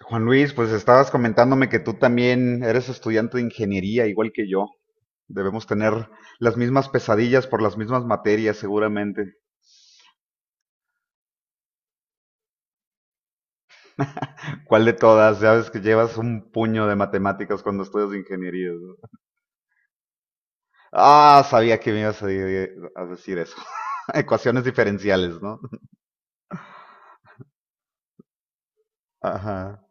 Juan Luis, pues estabas comentándome que tú también eres estudiante de ingeniería, igual que yo. Debemos tener las mismas pesadillas por las mismas materias, seguramente. ¿Cuál de todas? Ya ves que llevas un puño de matemáticas cuando estudias ingeniería, ¿no? Ah, sabía que me ibas a a decir eso. Ecuaciones diferenciales, ¿no? Ajá.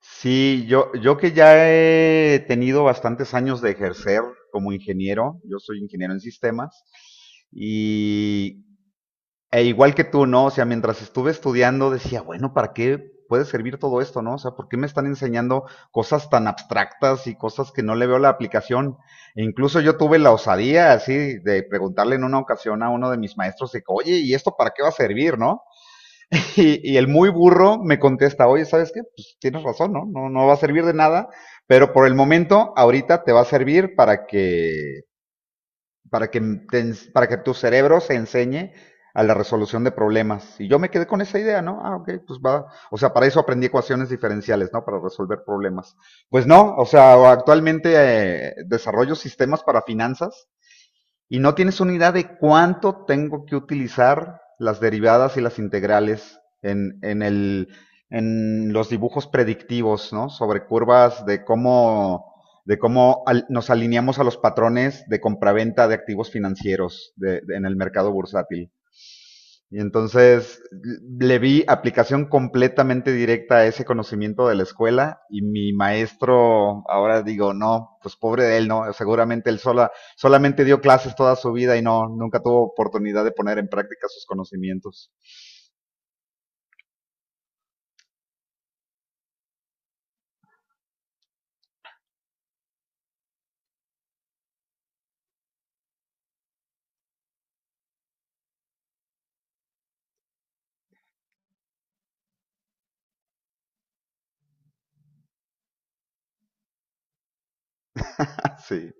Sí, yo que ya he tenido bastantes años de ejercer como ingeniero, yo soy ingeniero en sistemas, y e igual que tú, ¿no? O sea, mientras estuve estudiando decía, bueno, ¿para qué puede servir todo esto, no? O sea, ¿por qué me están enseñando cosas tan abstractas y cosas que no le veo la aplicación? E incluso yo tuve la osadía así de preguntarle en una ocasión a uno de mis maestros de que, oye, ¿y esto para qué va a servir, no? El muy burro me contesta, oye, ¿sabes qué? Pues tienes razón, ¿no? No va a servir de nada, pero por el momento, ahorita te va a servir para que, te para que tu cerebro se enseñe a la resolución de problemas. Y yo me quedé con esa idea, ¿no? Ah, ok, pues va. O sea, para eso aprendí ecuaciones diferenciales, ¿no? Para resolver problemas. Pues no, o sea, actualmente desarrollo sistemas para finanzas y no tienes una idea de cuánto tengo que utilizar las derivadas y las integrales en los dibujos predictivos, ¿no? Sobre curvas de de cómo nos alineamos a los patrones de compraventa de activos financieros en el mercado bursátil. Y entonces le vi aplicación completamente directa a ese conocimiento de la escuela y mi maestro, ahora digo, no, pues pobre de él, no, seguramente solamente dio clases toda su vida y no, nunca tuvo oportunidad de poner en práctica sus conocimientos. Sí.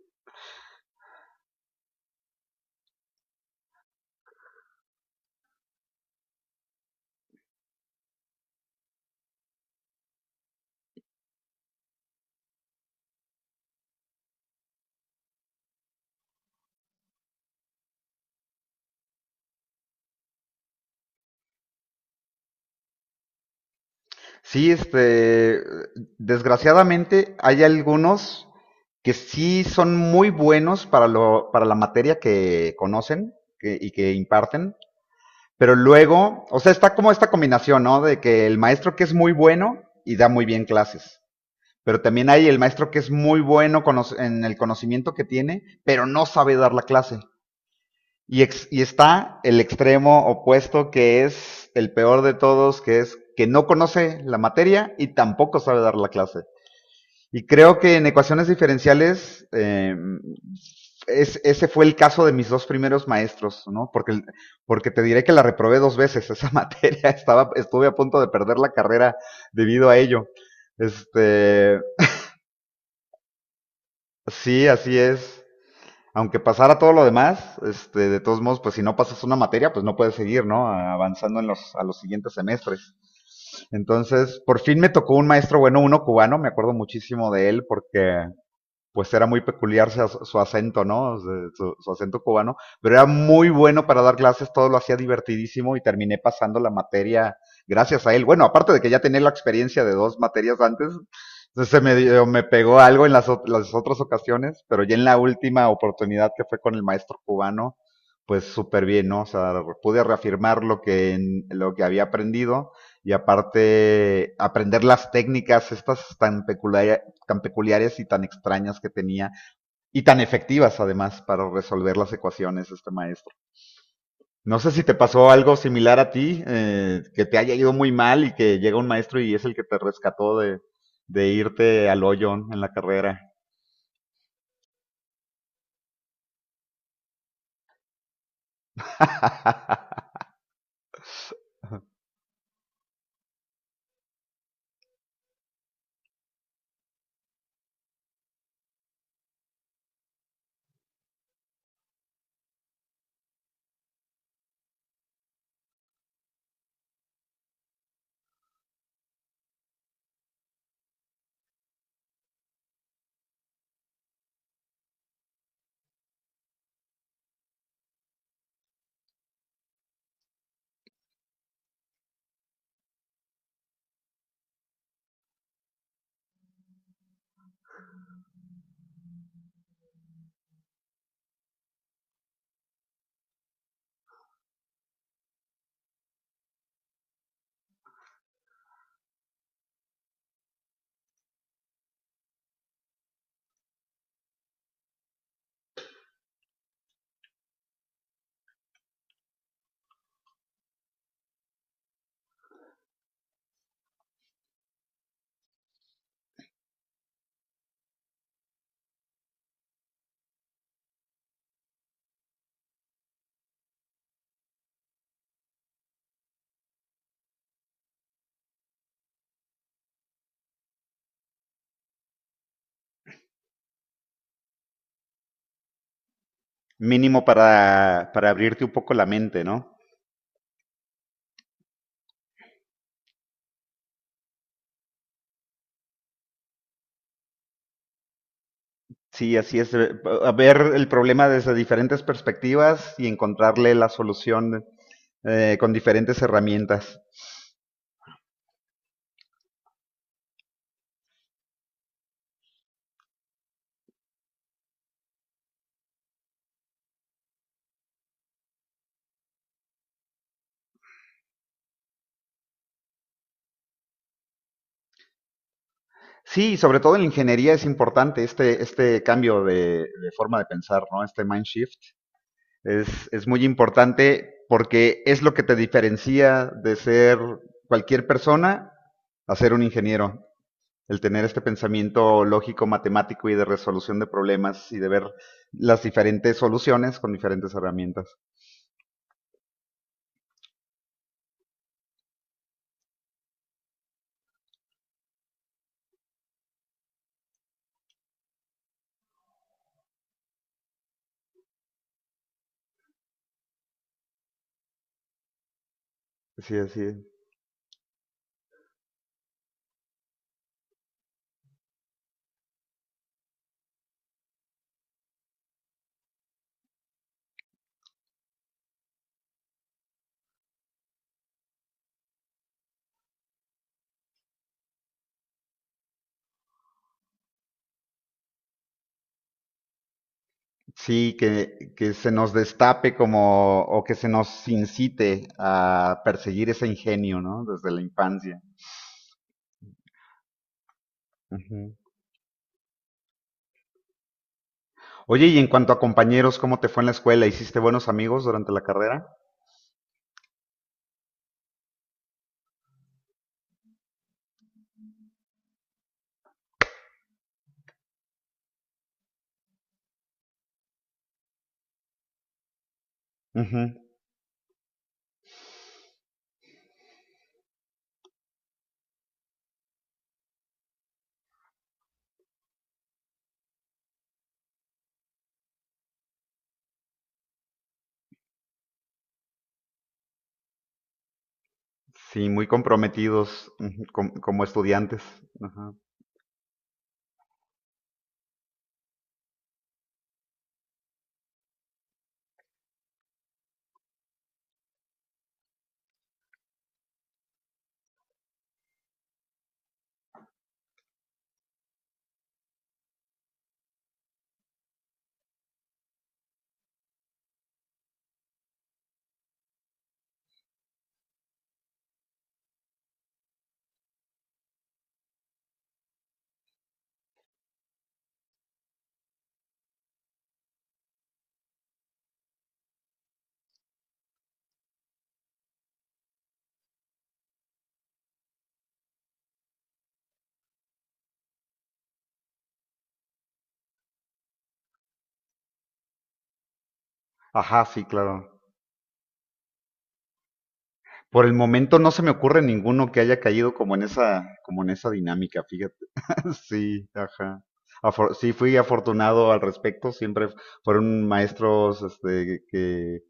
Sí, desgraciadamente hay algunos que sí son muy buenos para para la materia que conocen y que imparten. Pero luego, o sea, está como esta combinación, ¿no? De que el maestro que es muy bueno y da muy bien clases. Pero también hay el maestro que es muy bueno en el conocimiento que tiene, pero no sabe dar la clase. Y, y está el extremo opuesto que es el peor de todos, que es que no conoce la materia y tampoco sabe dar la clase. Y creo que en ecuaciones diferenciales ese fue el caso de mis dos primeros maestros, ¿no? Porque te diré que la reprobé dos veces esa materia, estuve a punto de perder la carrera debido a ello. Este, sí, así es. Aunque pasara todo lo demás, este, de todos modos, pues si no pasas una materia, pues no puedes seguir, ¿no? Avanzando en a los siguientes semestres. Entonces, por fin me tocó un maestro bueno, uno cubano, me acuerdo muchísimo de él porque pues era muy peculiar su acento, ¿no? Acento cubano, pero era muy bueno para dar clases, todo lo hacía divertidísimo y terminé pasando la materia gracias a él. Bueno, aparte de que ya tenía la experiencia de dos materias antes, entonces me pegó algo en las otras ocasiones, pero ya en la última oportunidad que fue con el maestro cubano, pues súper bien, ¿no? O sea, pude reafirmar lo que había aprendido y aparte aprender las técnicas estas tan peculiares y tan extrañas que tenía y tan efectivas además para resolver las ecuaciones este maestro. No sé si te pasó algo similar a ti, que te haya ido muy mal y que llega un maestro y es el que te rescató de irte al hoyo en la carrera. Mínimo para abrirte un poco la mente, ¿no? Sí, así es. Ver el problema desde diferentes perspectivas y encontrarle la solución con diferentes herramientas. Sí, sobre todo en la ingeniería es importante este cambio de forma de pensar, ¿no? Este mind shift es muy importante porque es lo que te diferencia de ser cualquier persona a ser un ingeniero. El tener este pensamiento lógico, matemático y de resolución de problemas y de ver las diferentes soluciones con diferentes herramientas. Sí, así es. Sí, que se nos destape como, o que se nos incite a perseguir ese ingenio, ¿no? Desde la infancia. Ujú. Oye, y en cuanto a compañeros, ¿cómo te fue en la escuela? ¿Hiciste buenos amigos durante la carrera? Ujú. Sí, muy comprometidos, ujú, como estudiantes. Ajá. Ajá, sí, claro. Por el momento no se me ocurre ninguno que haya caído como en esa dinámica, fíjate. Sí, ajá. Sí, fui afortunado al respecto. Siempre fueron maestros,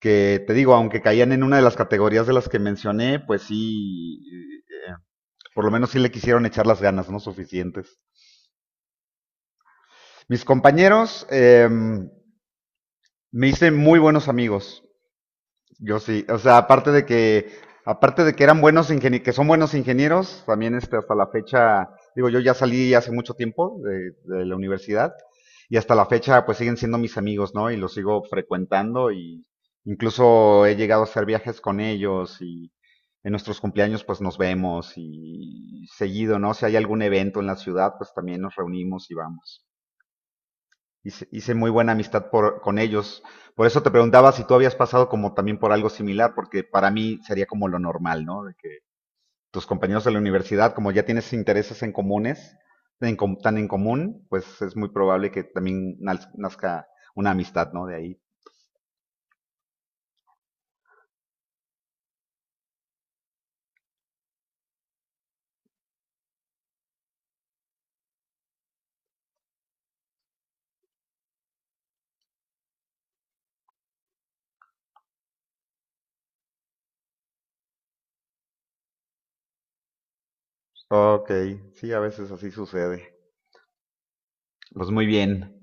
que te digo, aunque caían en una de las categorías de las que mencioné, pues sí, por lo menos sí le quisieron echar las ganas, ¿no? Suficientes. Mis compañeros, me hice muy buenos amigos. Yo sí, o sea, aparte de que eran buenos ingenie que son buenos ingenieros, también este, hasta la fecha, digo, yo ya salí hace mucho tiempo de la universidad y hasta la fecha pues siguen siendo mis amigos, ¿no? Y los sigo frecuentando y incluso he llegado a hacer viajes con ellos y en nuestros cumpleaños pues nos vemos y seguido, ¿no? Si hay algún evento en la ciudad pues también nos reunimos y vamos. Hice muy buena amistad con ellos. Por eso te preguntaba si tú habías pasado como también por algo similar, porque para mí sería como lo normal, ¿no? De que tus compañeros de la universidad, como ya tienes intereses en comunes, tan en común, pues es muy probable que también nazca una amistad, ¿no? De ahí. Ok, sí, a veces así sucede. Pues muy bien.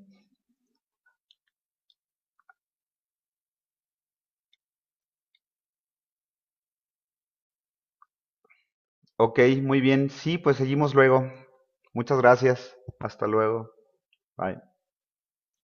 Ok, muy bien. Sí, pues seguimos luego. Muchas gracias. Hasta luego. Bye.